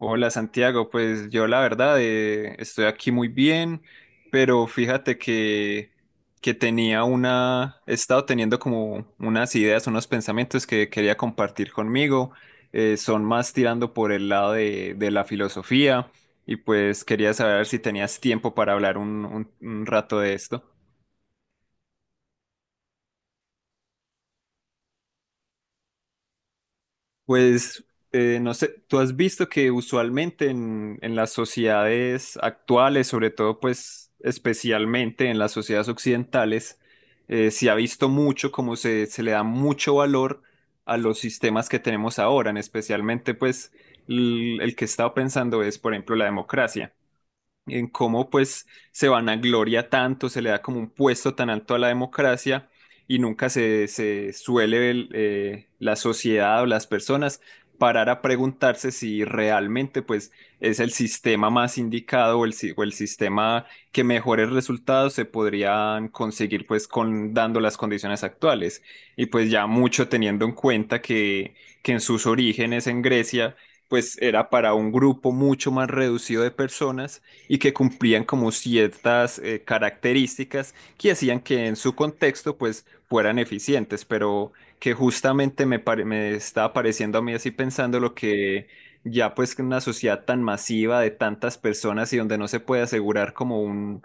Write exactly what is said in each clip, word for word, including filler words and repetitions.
Hola Santiago, pues yo la verdad eh, estoy aquí muy bien, pero fíjate que, que tenía una, he estado teniendo como unas ideas, unos pensamientos que quería compartir conmigo, eh, son más tirando por el lado de, de la filosofía y pues quería saber si tenías tiempo para hablar un, un un rato de esto. Pues eh, no sé, tú has visto que usualmente en, en las sociedades actuales, sobre todo pues especialmente en las sociedades occidentales, eh, se ha visto mucho como se, se le da mucho valor a los sistemas que tenemos ahora, en especialmente pues l- el que he estado pensando es, por ejemplo, la democracia en cómo pues se vanagloria tanto, se le da como un puesto tan alto a la democracia y nunca se, se suele el, eh, la sociedad o las personas parar a preguntarse si realmente pues es el sistema más indicado o el, si- o el sistema que mejores resultados se podrían conseguir pues con dando las condiciones actuales y pues ya mucho teniendo en cuenta que, que en sus orígenes en Grecia pues era para un grupo mucho más reducido de personas y que cumplían como ciertas eh, características que hacían que en su contexto pues fueran eficientes, pero que justamente me, pare- me estaba pareciendo a mí así pensando lo que ya pues en una sociedad tan masiva de tantas personas y donde no se puede asegurar como un,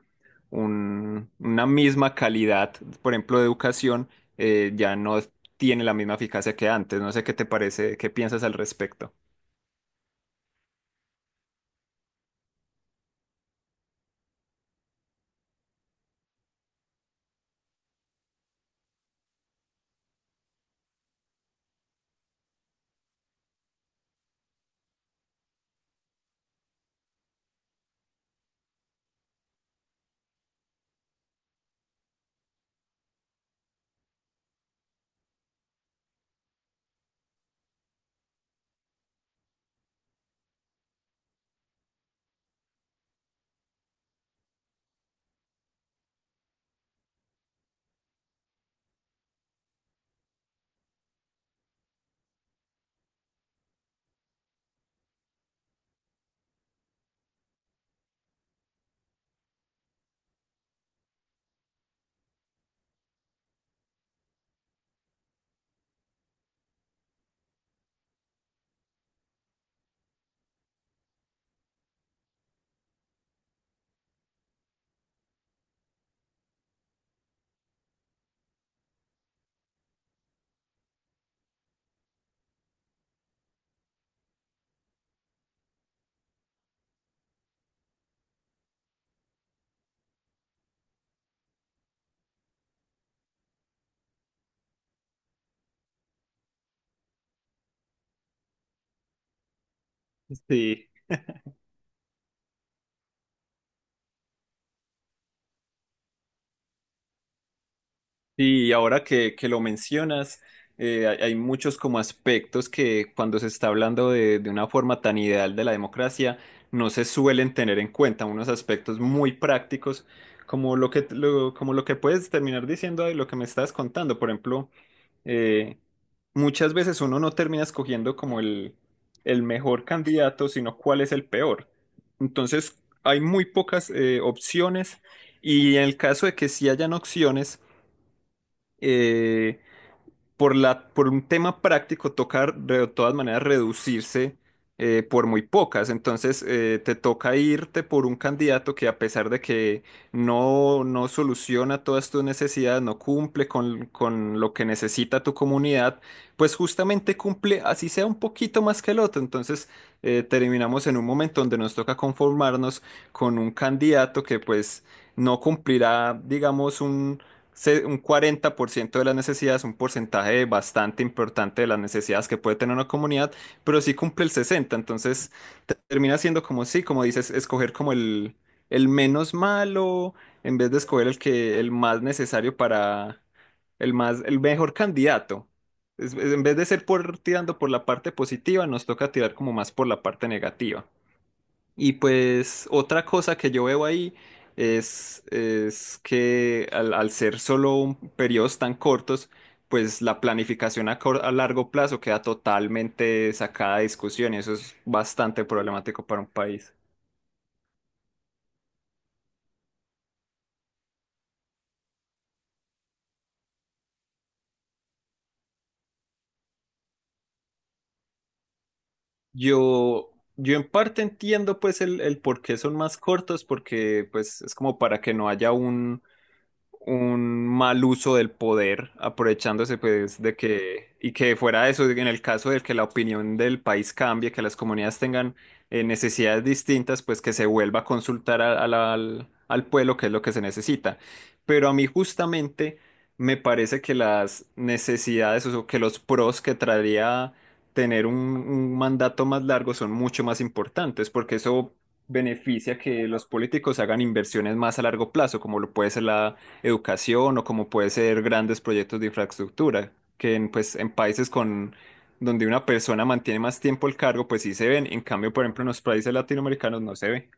un- una misma calidad, por ejemplo, de educación, eh, ya no tiene la misma eficacia que antes. No sé qué te parece, qué piensas al respecto. Sí. Sí, y ahora que, que lo mencionas, eh, hay, hay muchos como aspectos que cuando se está hablando de, de una forma tan ideal de la democracia, no se suelen tener en cuenta, unos aspectos muy prácticos, como lo que, lo- como lo que puedes terminar diciendo y lo que me estás contando. Por ejemplo, eh, muchas veces uno no termina escogiendo como el, el mejor candidato, sino cuál es el peor. Entonces, hay muy pocas eh, opciones y en el caso de que sí hayan opciones, eh, por la, por un tema práctico toca de todas maneras reducirse eh, por muy pocas. Entonces eh, te toca irte por un candidato que a pesar de que no, no soluciona todas tus necesidades, no cumple con, con lo que necesita tu comunidad, pues justamente cumple así sea un poquito más que el otro. Entonces eh, terminamos en un momento donde nos toca conformarnos con un candidato que pues no cumplirá, digamos, un se- un cuarenta por ciento de las necesidades, un porcentaje bastante importante de las necesidades que puede tener una comunidad, pero sí cumple el sesenta por ciento. Entonces te- termina siendo como sí, como dices, escoger como el, el menos malo en vez de escoger el que el más necesario para el más, el mejor candidato. Es- es- en vez de ser por, tirando por la parte positiva, nos toca tirar como más por la parte negativa. Y pues otra cosa que yo veo ahí es, es que al, al ser solo un- periodos tan cortos, pues la planificación a, cor- a largo plazo queda totalmente sacada de discusión y eso es bastante problemático para un país. Yo, yo en parte entiendo pues el, el por qué son más cortos, porque pues es como para que no haya un mal uso del poder, aprovechándose pues de que, y que fuera eso, en el caso de que la opinión del país cambie, que las comunidades tengan eh, necesidades distintas, pues que se vuelva a consultar a- a la- al, al pueblo, que es lo que se necesita. Pero a mí justamente me parece que las necesidades, o que los pros que traería tener un, un mandato más largo son mucho más importantes, porque eso beneficia que los políticos hagan inversiones más a largo plazo, como lo puede ser la educación o como puede ser grandes proyectos de infraestructura, que en, pues, en países con, donde una persona mantiene más tiempo el cargo, pues sí se ven. En cambio, por ejemplo, en los países latinoamericanos no se ve.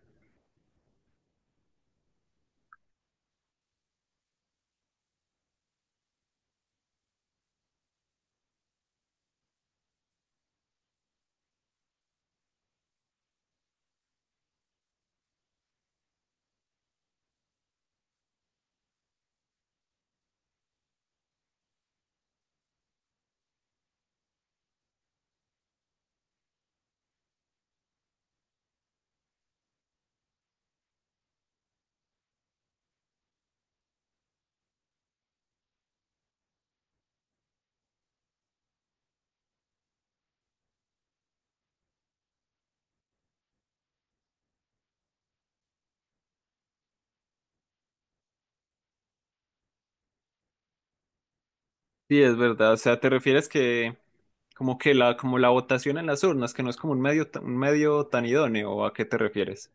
Sí, es verdad. O sea, ¿te refieres que como que la, como la votación en las urnas, que no es como un medio, ta- un medio tan idóneo? ¿O a qué te refieres?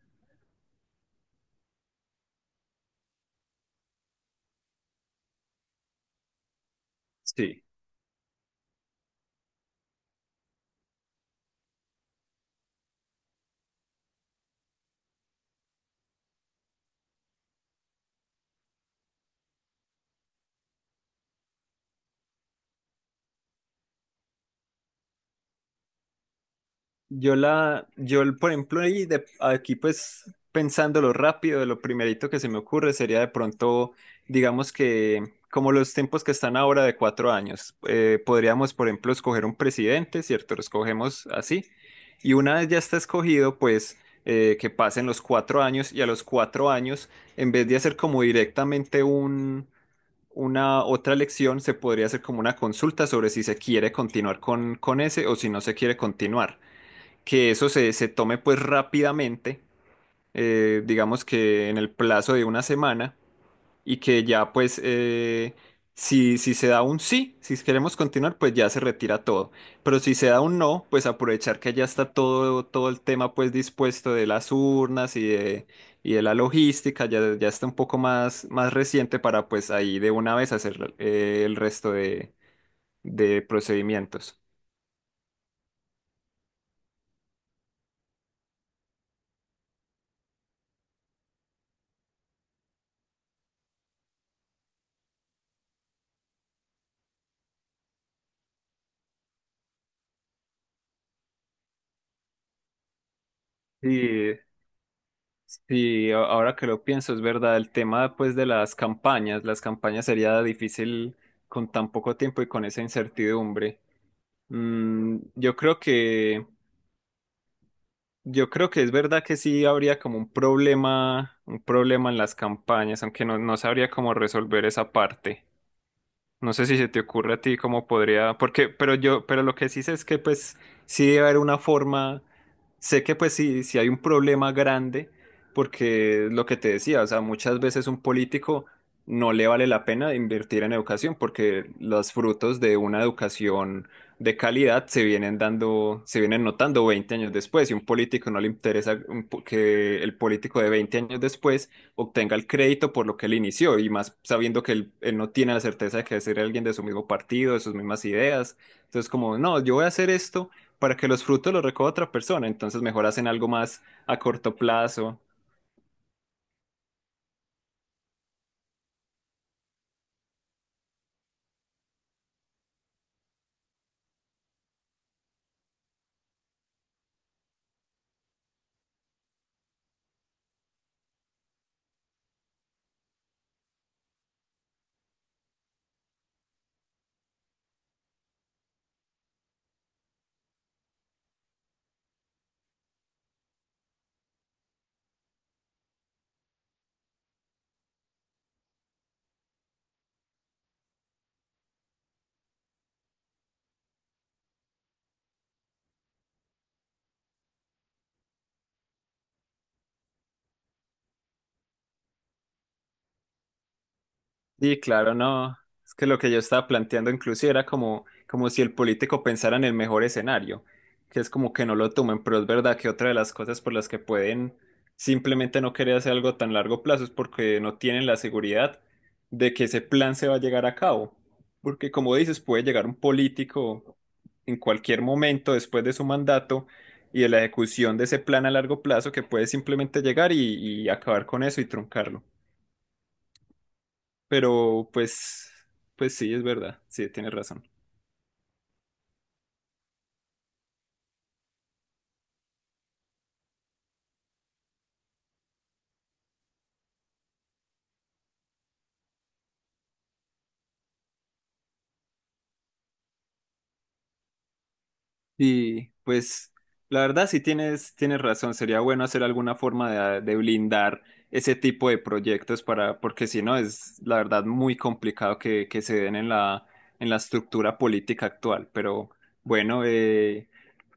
Sí. Yo la, yo el- por ejemplo, ahí de- aquí pues pensándolo rápido, lo primerito que se me ocurre sería de pronto, digamos que como los tiempos que están ahora de cuatro años, eh, podríamos, por ejemplo, escoger un presidente, ¿cierto? Lo escogemos así. Y una vez ya está escogido, pues eh, que pasen los cuatro años y a los cuatro años, en vez de hacer como directamente un, una otra elección, se podría hacer como una consulta sobre si se quiere continuar con, con ese o si no se quiere continuar que eso se, se tome pues rápidamente, eh, digamos que en el plazo de una semana, y que ya pues eh, si, si se da un sí, si queremos continuar, pues ya se retira todo. Pero si se da un no, pues aprovechar que ya está todo, todo el tema pues dispuesto de las urnas y de, y de la logística, ya, ya está un poco más, más reciente para pues ahí de una vez hacer eh, el resto de, de procedimientos. Sí, sí, a- ahora que lo pienso, es verdad, el tema pues de las campañas, las campañas sería difícil con tan poco tiempo y con esa incertidumbre. Mm, yo creo que, yo creo que es verdad que sí habría como un problema, un problema en las campañas, aunque no, no sabría cómo resolver esa parte. No sé si se te ocurre a ti cómo podría, porque, pero yo, pero lo que sí sé es que pues sí debe haber una forma, sé que pues sí, sí hay un problema grande, porque lo que te decía, o sea, muchas veces un político no le vale la pena invertir en educación, porque los frutos de una educación de calidad se vienen dando, se vienen notando veinte años después, y un político no le interesa un po- que el político de veinte años después obtenga el crédito por lo que él inició y más sabiendo que él, él no tiene la certeza de que ser alguien de su mismo partido, de sus mismas ideas. Entonces, como, no, yo voy a hacer esto para que los frutos los recoja otra persona, entonces mejor hacen algo más a corto plazo. Sí, claro, no. Es que lo que yo estaba planteando inclusive era como, como si el político pensara en el mejor escenario, que es como que no lo tomen, pero es verdad que otra de las cosas por las que pueden simplemente no querer hacer algo tan largo plazo es porque no tienen la seguridad de que ese plan se va a llegar a cabo. Porque como dices, puede llegar un político en cualquier momento después de su mandato y de la ejecución de ese plan a largo plazo que puede simplemente llegar y, y acabar con eso y truncarlo. Pero pues, pues sí, es verdad, sí, tienes razón. Y pues la verdad sí tienes, tienes razón, sería bueno hacer alguna forma de, de blindar ese tipo de proyectos para, porque si no es la verdad muy complicado que, que se den en la, en la estructura política actual. Pero bueno, eh,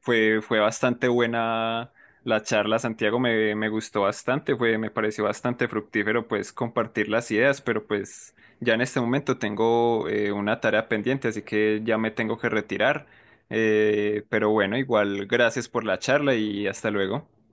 fue, fue bastante buena la charla, Santiago, me, me gustó bastante, fue, me pareció bastante fructífero pues compartir las ideas, pero pues ya en este momento tengo eh, una tarea pendiente, así que ya me tengo que retirar. Eh, pero bueno, igual, gracias por la charla y hasta luego.